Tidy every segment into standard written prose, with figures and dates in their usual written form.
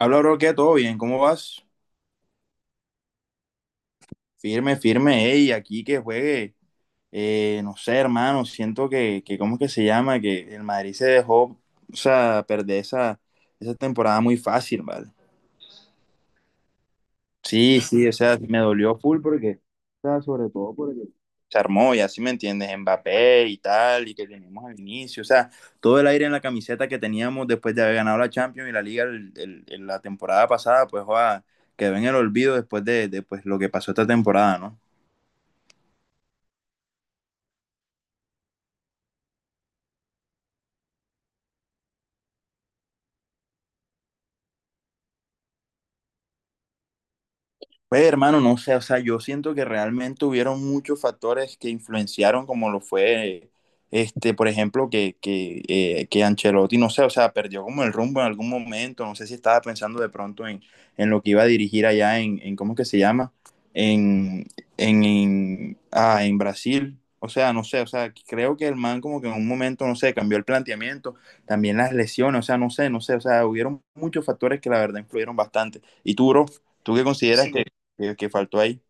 Habla, bro, ¿qué? ¿Todo bien? ¿Cómo vas? Firme, firme, ey, aquí que juegue. No sé, hermano, siento que, ¿cómo es que se llama? Que el Madrid se dejó, o sea, perder esa, esa temporada muy fácil, ¿vale? Sí, sí, o sea, me dolió full porque, o sea, sobre todo porque se armó, y así me entiendes, Mbappé y tal, y que teníamos al inicio, o sea, todo el aire en la camiseta que teníamos después de haber ganado la Champions y la Liga la temporada pasada, pues, joda, quedó en el olvido después de, pues, lo que pasó esta temporada, ¿no? Pues hermano, no sé, o sea, yo siento que realmente hubieron muchos factores que influenciaron, como lo fue, este, por ejemplo, que Ancelotti, no sé, o sea, perdió como el rumbo en algún momento, no sé si estaba pensando de pronto en lo que iba a dirigir allá en ¿cómo es que se llama? En, en Brasil, o sea, no sé, o sea, creo que el man como que en un momento, no sé, cambió el planteamiento, también las lesiones, o sea, no sé, no sé, o sea, hubieron muchos factores que la verdad influyeron bastante. ¿Y tú, bro? ¿Tú qué consideras sí, que que, faltó ahí.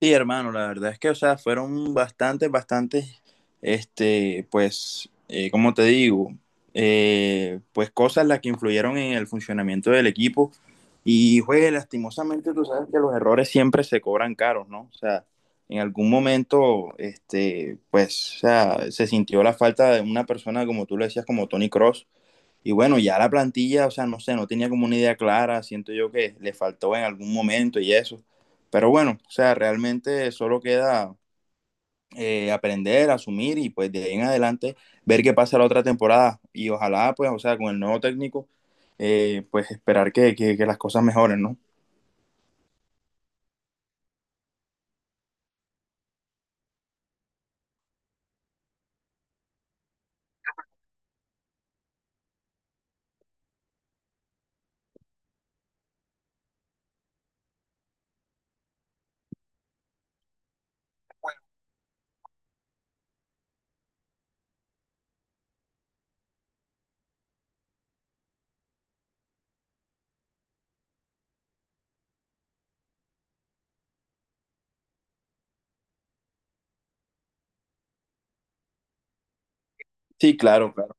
Sí, hermano, la verdad es que, o sea, fueron bastantes, bastantes, este, pues, como te digo, pues cosas las que influyeron en el funcionamiento del equipo. Y, pues, lastimosamente, tú sabes que los errores siempre se cobran caros, ¿no? O sea, en algún momento, este, pues, o sea, se sintió la falta de una persona, como tú lo decías, como Tony Cross, y bueno, ya la plantilla, o sea, no sé, no tenía como una idea clara, siento yo que le faltó en algún momento y eso. Pero bueno, o sea, realmente solo queda aprender, asumir y pues de ahí en adelante ver qué pasa la otra temporada. Y ojalá, pues, o sea, con el nuevo técnico, pues esperar que las cosas mejoren, ¿no? Sí, claro, claro.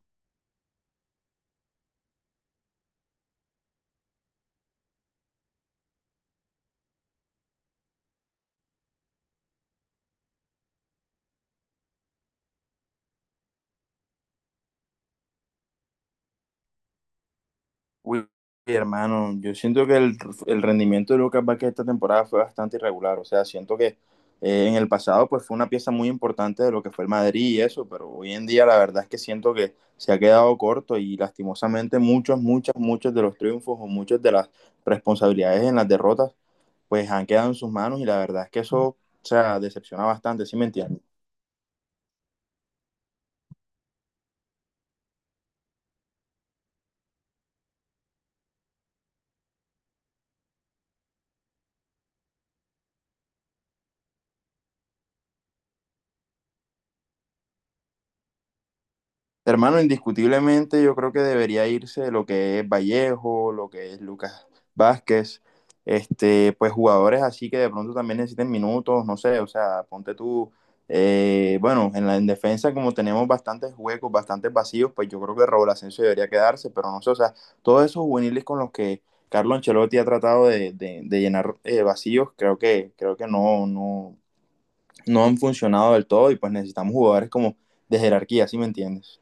Uy, hermano, yo siento que el rendimiento de Lucas Vázquez esta temporada fue bastante irregular. O sea, siento que en el pasado pues fue una pieza muy importante de lo que fue el Madrid y eso, pero hoy en día la verdad es que siento que se ha quedado corto y lastimosamente muchos, muchos de los triunfos o muchas de las responsabilidades en las derrotas pues han quedado en sus manos y la verdad es que eso, o sea, decepciona bastante, ¿sí me entiendes? Hermano, indiscutiblemente yo creo que debería irse lo que es Vallejo, lo que es Lucas Vázquez, este, pues jugadores así que de pronto también necesiten minutos, no sé, o sea, ponte tú, bueno, en la en defensa como tenemos bastantes huecos, bastantes vacíos, pues yo creo que Raúl Asensio debería quedarse, pero no sé, o sea, todos esos juveniles con los que Carlo Ancelotti ha tratado de llenar vacíos, creo que no, no, no han funcionado del todo y pues necesitamos jugadores como de jerarquía, ¿sí me entiendes?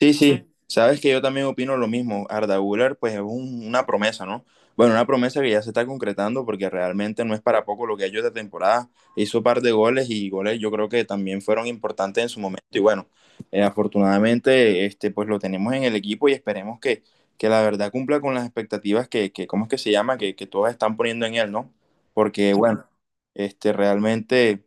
Sí, sí, sabes que yo también opino lo mismo. Arda Güler, pues es una promesa, ¿no? Bueno, una promesa que ya se está concretando porque realmente no es para poco lo que ha hecho esta temporada. Hizo un par de goles y goles yo creo que también fueron importantes en su momento. Y bueno, afortunadamente, este, pues lo tenemos en el equipo y esperemos que la verdad cumpla con las expectativas que ¿cómo es que se llama? Que todas están poniendo en él, ¿no? Porque bueno, este, realmente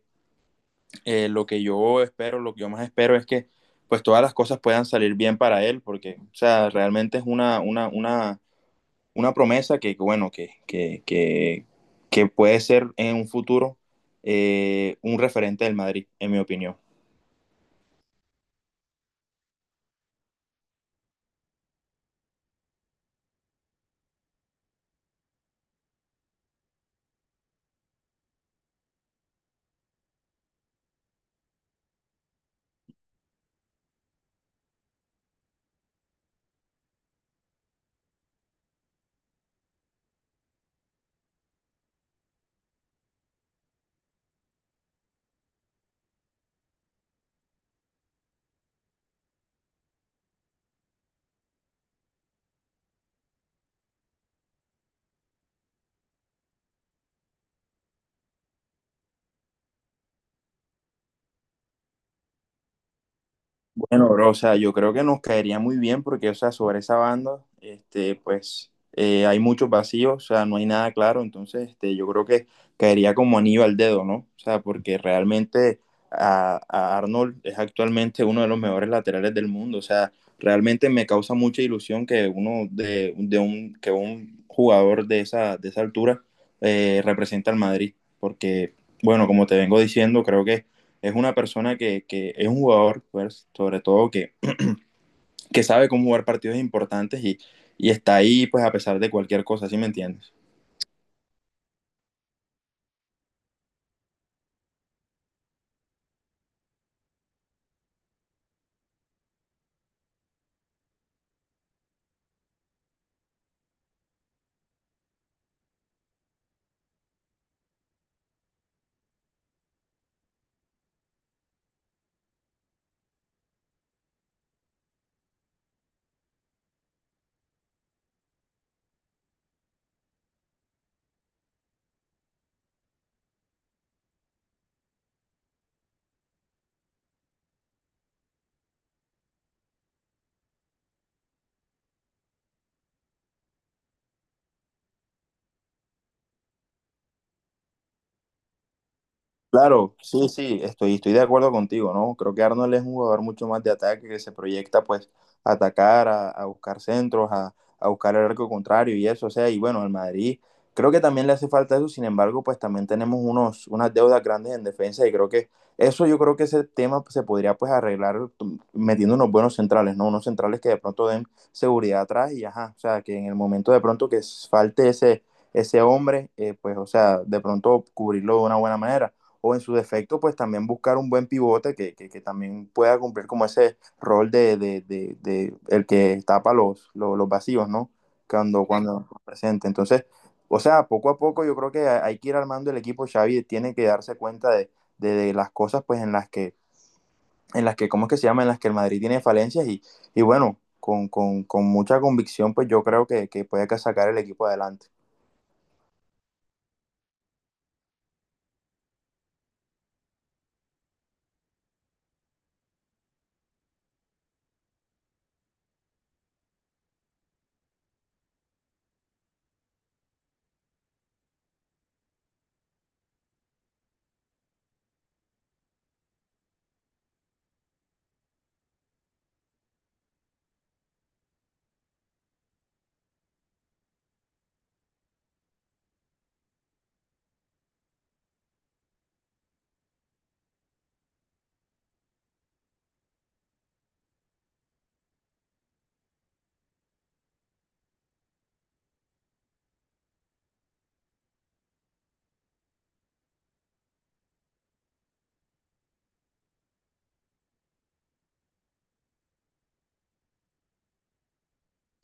lo que yo espero, lo que yo más espero es que pues todas las cosas puedan salir bien para él, porque, o sea, realmente es una, una promesa que, bueno, que, que puede ser en un futuro un referente del Madrid, en mi opinión. Bueno, bro, o sea, yo creo que nos caería muy bien porque, o sea, sobre esa banda, este, pues hay muchos vacíos, o sea, no hay nada claro, entonces, este, yo creo que caería como anillo al dedo, ¿no? O sea, porque realmente a Arnold es actualmente uno de los mejores laterales del mundo, o sea, realmente me causa mucha ilusión que uno de un, que un jugador de esa altura represente al Madrid, porque, bueno, como te vengo diciendo, creo que es una persona que es un jugador, pues, sobre todo, que sabe cómo jugar partidos importantes y está ahí, pues, a pesar de cualquier cosa, ¿sí me entiendes? Claro, sí, sí, estoy, estoy de acuerdo contigo, ¿no? Creo que Arnold es un jugador mucho más de ataque que se proyecta pues a atacar, a buscar centros, a buscar el arco contrario y eso, o sea, y bueno, al Madrid creo que también le hace falta eso, sin embargo, pues también tenemos unos, unas deudas grandes en defensa y creo que eso yo creo que ese tema pues, se podría pues arreglar metiendo unos buenos centrales, ¿no? Unos centrales que de pronto den seguridad atrás y ajá, o sea, que en el momento de pronto que falte ese, ese hombre, pues o sea, de pronto cubrirlo de una buena manera o en su defecto, pues también buscar un buen pivote que también pueda cumplir como ese rol de, de el que tapa los, los, vacíos, ¿no? Cuando, cuando presente. Entonces, o sea, poco a poco yo creo que hay que ir armando el equipo. Xavi tiene que darse cuenta de las cosas, pues, en las que, ¿cómo es que se llama? En las que el Madrid tiene falencias y bueno, con mucha convicción, pues yo creo que puede sacar el equipo adelante.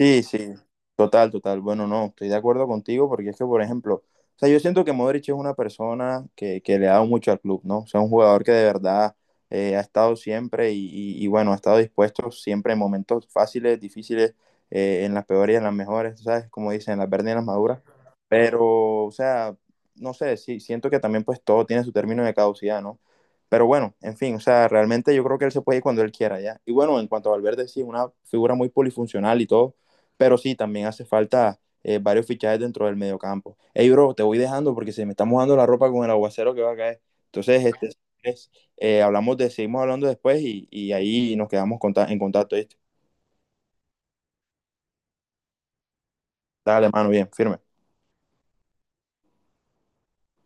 Sí, sí, total, total. Bueno, no, estoy de acuerdo contigo porque es que, por ejemplo, o sea, yo siento que Modric es una persona que le ha dado mucho al club, ¿no? O sea, un jugador que de verdad ha estado siempre y, bueno, ha estado dispuesto siempre en momentos fáciles, difíciles, en las peores y en las mejores, ¿sabes? Como dicen, en las verdes y en las maduras. Pero, o sea, no sé, sí, siento que también pues todo tiene su término de caducidad, ¿no? Pero bueno, en fin, o sea, realmente yo creo que él se puede ir cuando él quiera, ¿ya? Y bueno, en cuanto a Valverde, sí, es una figura muy polifuncional y todo, pero sí, también hace falta varios fichajes dentro del mediocampo. Hey, bro, te voy dejando porque se me está mojando la ropa con el aguacero que va a caer. Entonces, este, es, hablamos de, seguimos hablando después y ahí nos quedamos conta en contacto. ¿Viste? Dale, mano, bien, firme.